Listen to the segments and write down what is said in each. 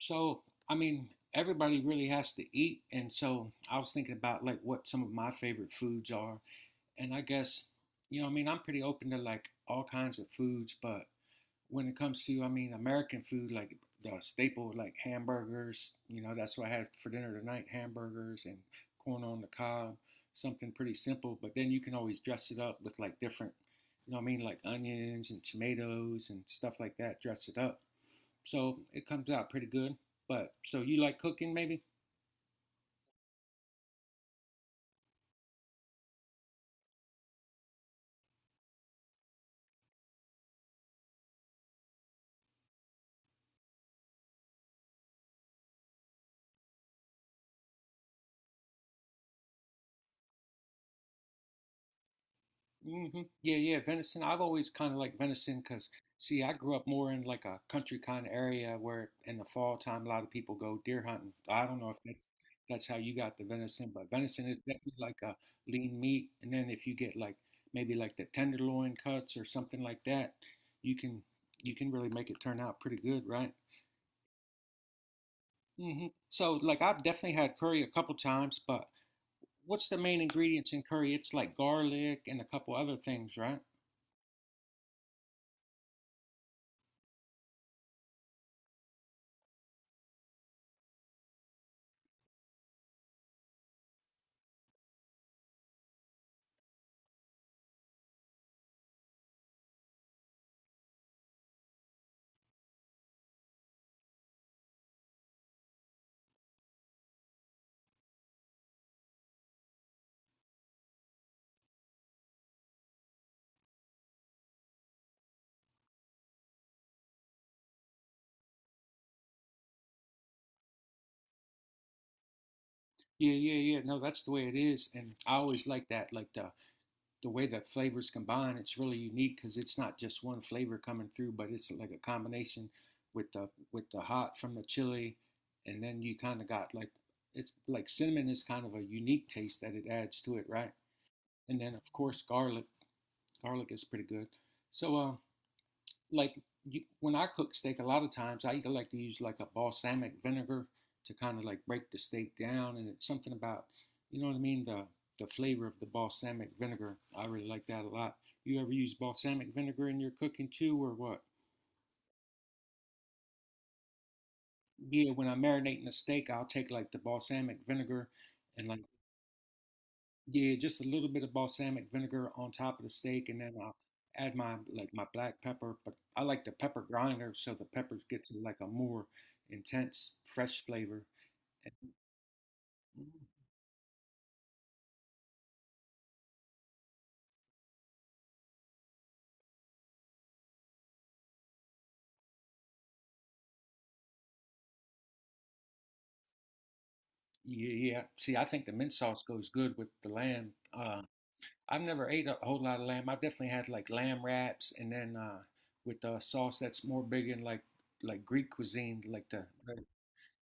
So, I mean, everybody really has to eat. And so I was thinking about like what some of my favorite foods are. And I guess, I mean, I'm pretty open to like all kinds of foods, but when it comes to, I mean, American food, like the staple, like hamburgers, that's what I had for dinner tonight, hamburgers and corn on the cob, something pretty simple. But then you can always dress it up with like different, you know what I mean, like onions and tomatoes and stuff like that, dress it up. So it comes out pretty good. But so you like cooking maybe? Hmm. Yeah, yeah, venison. I've always kind of liked venison because, see, I grew up more in like a country kind of area where in the fall time a lot of people go deer hunting. I don't know if that's how you got the venison, but venison is definitely like a lean meat. And then if you get like maybe like the tenderloin cuts or something like that, you can you can really make it turn out pretty good, right? So like I've definitely had curry a couple times, but what's the main ingredients in curry? It's like garlic and a couple other things, right? Yeah, yeah, yeah. No, that's the way it is, and I always like that, like the way the flavors combine. It's really unique because it's not just one flavor coming through, but it's like a combination with the hot from the chili, and then you kind of got like it's like cinnamon is kind of a unique taste that it adds to it, right? And then of course garlic, garlic is pretty good. So, like when I cook steak, a lot of times I either like to use like a balsamic vinegar to kind of like break the steak down, and it's something about, you know what I mean, the flavor of the balsamic vinegar. I really like that a lot. You ever use balsamic vinegar in your cooking too, or what? Yeah, when I'm marinating a steak, I'll take like the balsamic vinegar and like. Yeah, just a little bit of balsamic vinegar on top of the steak, and then I'll add my black pepper. But I like the pepper grinder, so the peppers get to like a more intense, fresh flavor. And mm, yeah, yeah. See, I think the mint sauce goes good with the lamb. Uh, I've never ate a whole lot of lamb. I've definitely had like lamb wraps, and then with a sauce that's more big in like Greek cuisine, like the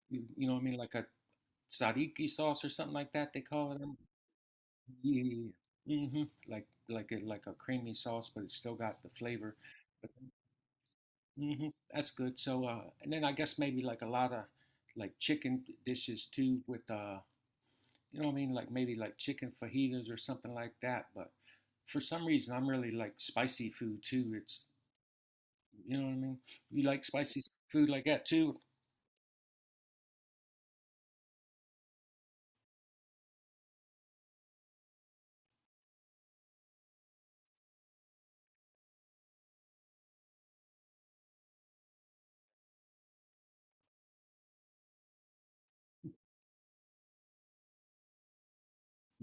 you, you know what I mean, like a tzatziki sauce or something like that. They call it. Yeah. hmm Like a creamy sauce, but it's still got the flavor. But that's good. So and then I guess maybe like a lot of like chicken dishes too with you know what I mean, like maybe like chicken fajitas or something like that. But for some reason I'm really like spicy food too. It's you know what I mean. You like spicy food like that too?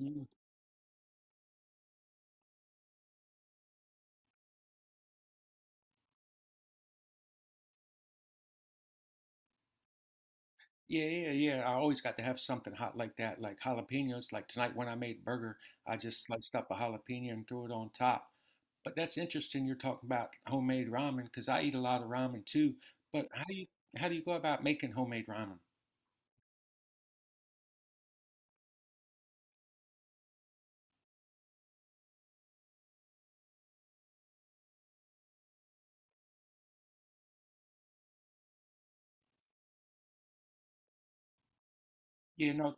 Mm-hmm. Yeah, yeah, yeah. I always got to have something hot like that, like jalapenos. Like tonight when I made burger, I just sliced up a jalapeno and threw it on top. But that's interesting you're talking about homemade ramen because I eat a lot of ramen too. But how do you go about making homemade ramen? Yeah, no,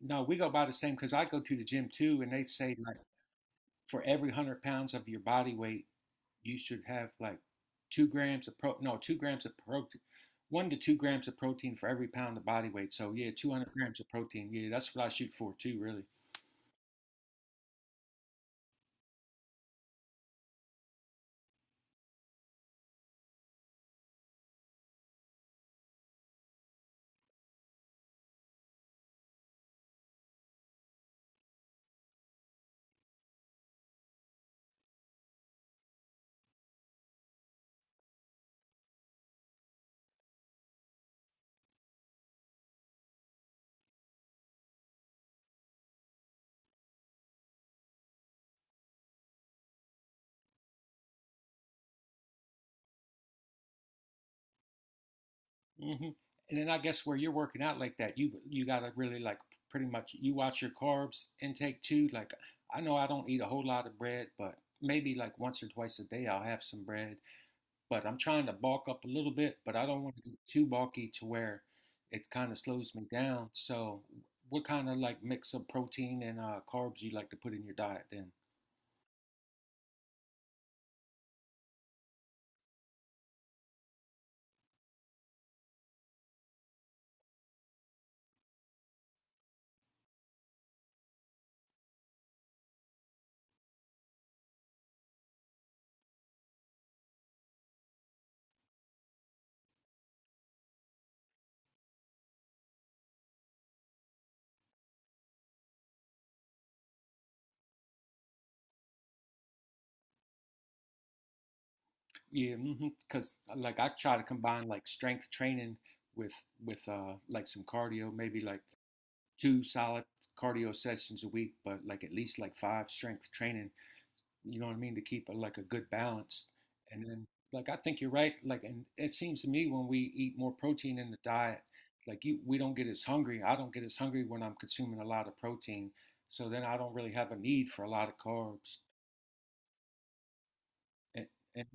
no, we go by the same because I go to the gym too, and they say like for every 100 pounds of your body weight, you should have like 2 grams of pro no, 2 grams of protein, 1 to 2 grams of protein for every pound of body weight. So yeah, 200 grams of protein. Yeah, that's what I shoot for too. Really. hmm and then I guess where you're working out like that, you gotta really like pretty much you watch your carbs intake too, like I know I don't eat a whole lot of bread, but maybe like once or twice a day I'll have some bread, but I'm trying to bulk up a little bit, but I don't want to get too bulky to where it kind of slows me down. So, what kind of like mix of protein and carbs you like to put in your diet then? Yeah, because mm-hmm, like I try to combine like strength training with with like some cardio, maybe like two solid cardio sessions a week, but like at least like five strength training you know what I mean, to keep a good balance. And then, like, I think you're right. Like, and it seems to me when we eat more protein in the diet, we don't get as hungry. I don't get as hungry when I'm consuming a lot of protein. So then I don't really have a need for a lot of carbs. And, and,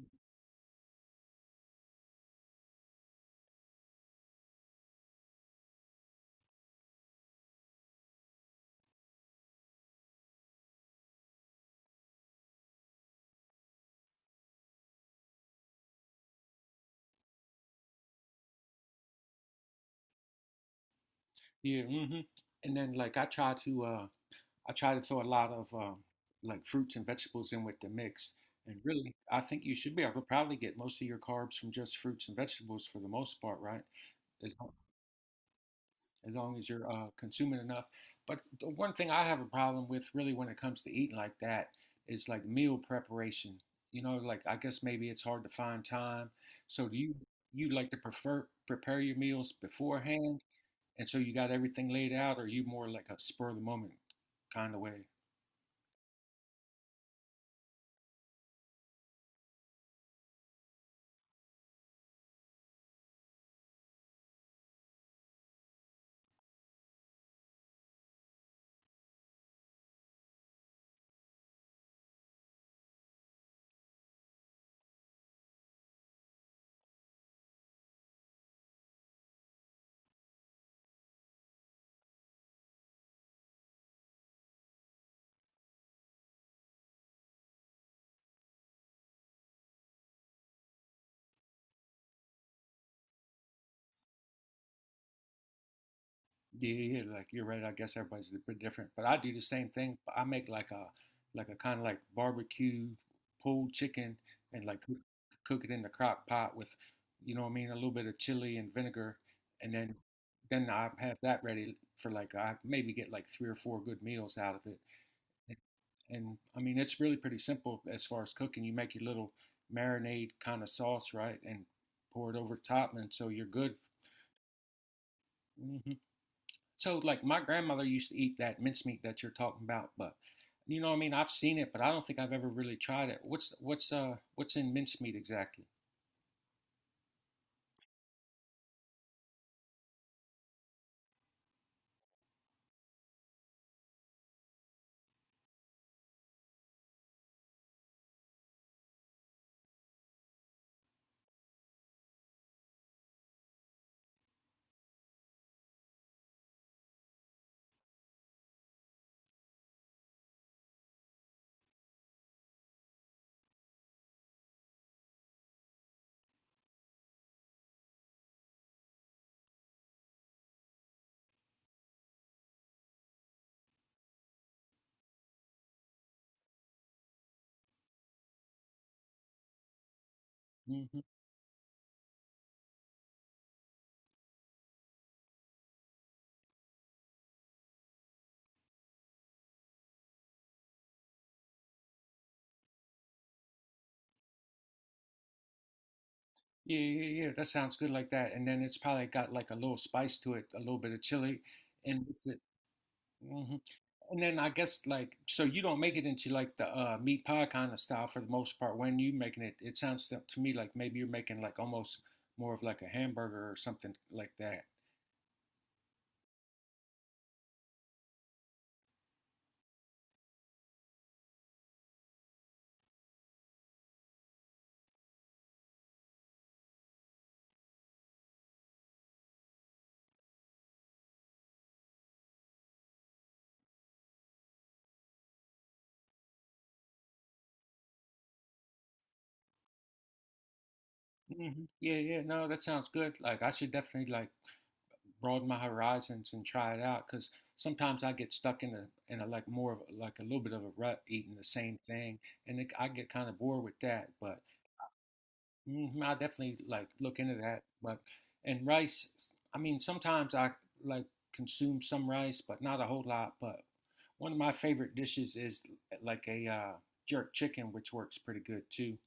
yeah, and then like I try to throw a lot of like fruits and vegetables in with the mix. And really, I think you should be able to probably get most of your carbs from just fruits and vegetables for the most part, right? As- long- as long as you're consuming enough. But the one thing I have a problem with, really, when it comes to eating like that, is like meal preparation. You know, like I guess maybe it's hard to find time. So do you like to prefer prepare your meals beforehand, and so you got everything laid out, or are you more like a spur of the moment kind of way? Yeah, yeah, yeah, like you're right. I guess everybody's a bit different, but I do the same thing. I make like a kind of like barbecue pulled chicken and like cook it in the crock pot with, you know what I mean, a little bit of chili and vinegar, and then I have that ready for like I maybe get like three or four good meals out of it. And, and, I mean, it's really pretty simple as far as cooking. You make your little marinade kind of sauce, right, and pour it over top, and so you're good. Mhm. So, like, my grandmother used to eat that mincemeat that you're talking about, but you know, what I mean, I've seen it, but I don't think I've ever really tried it. What's in mincemeat exactly? Mm-hmm. Yeah, yeah, yeah. That sounds good like that. And then it's probably got like a little spice to it, a little bit of chili, and with it. hmm And then I guess like so you don't make it into like the meat pie kind of style for the most part. When you making it, it sounds to me like maybe you're making like almost more of like a hamburger or something like that. Hmm. Yeah, yeah. No, that sounds good. Like I should definitely like broaden my horizons and try it out because sometimes I get stuck in a like more of like a little bit of a rut eating the same thing, and I get kind of bored with that. But mhm, I definitely like look into that. But and rice, I mean, sometimes I like consume some rice, but not a whole lot. But one of my favorite dishes is like a jerk chicken, which works pretty good too.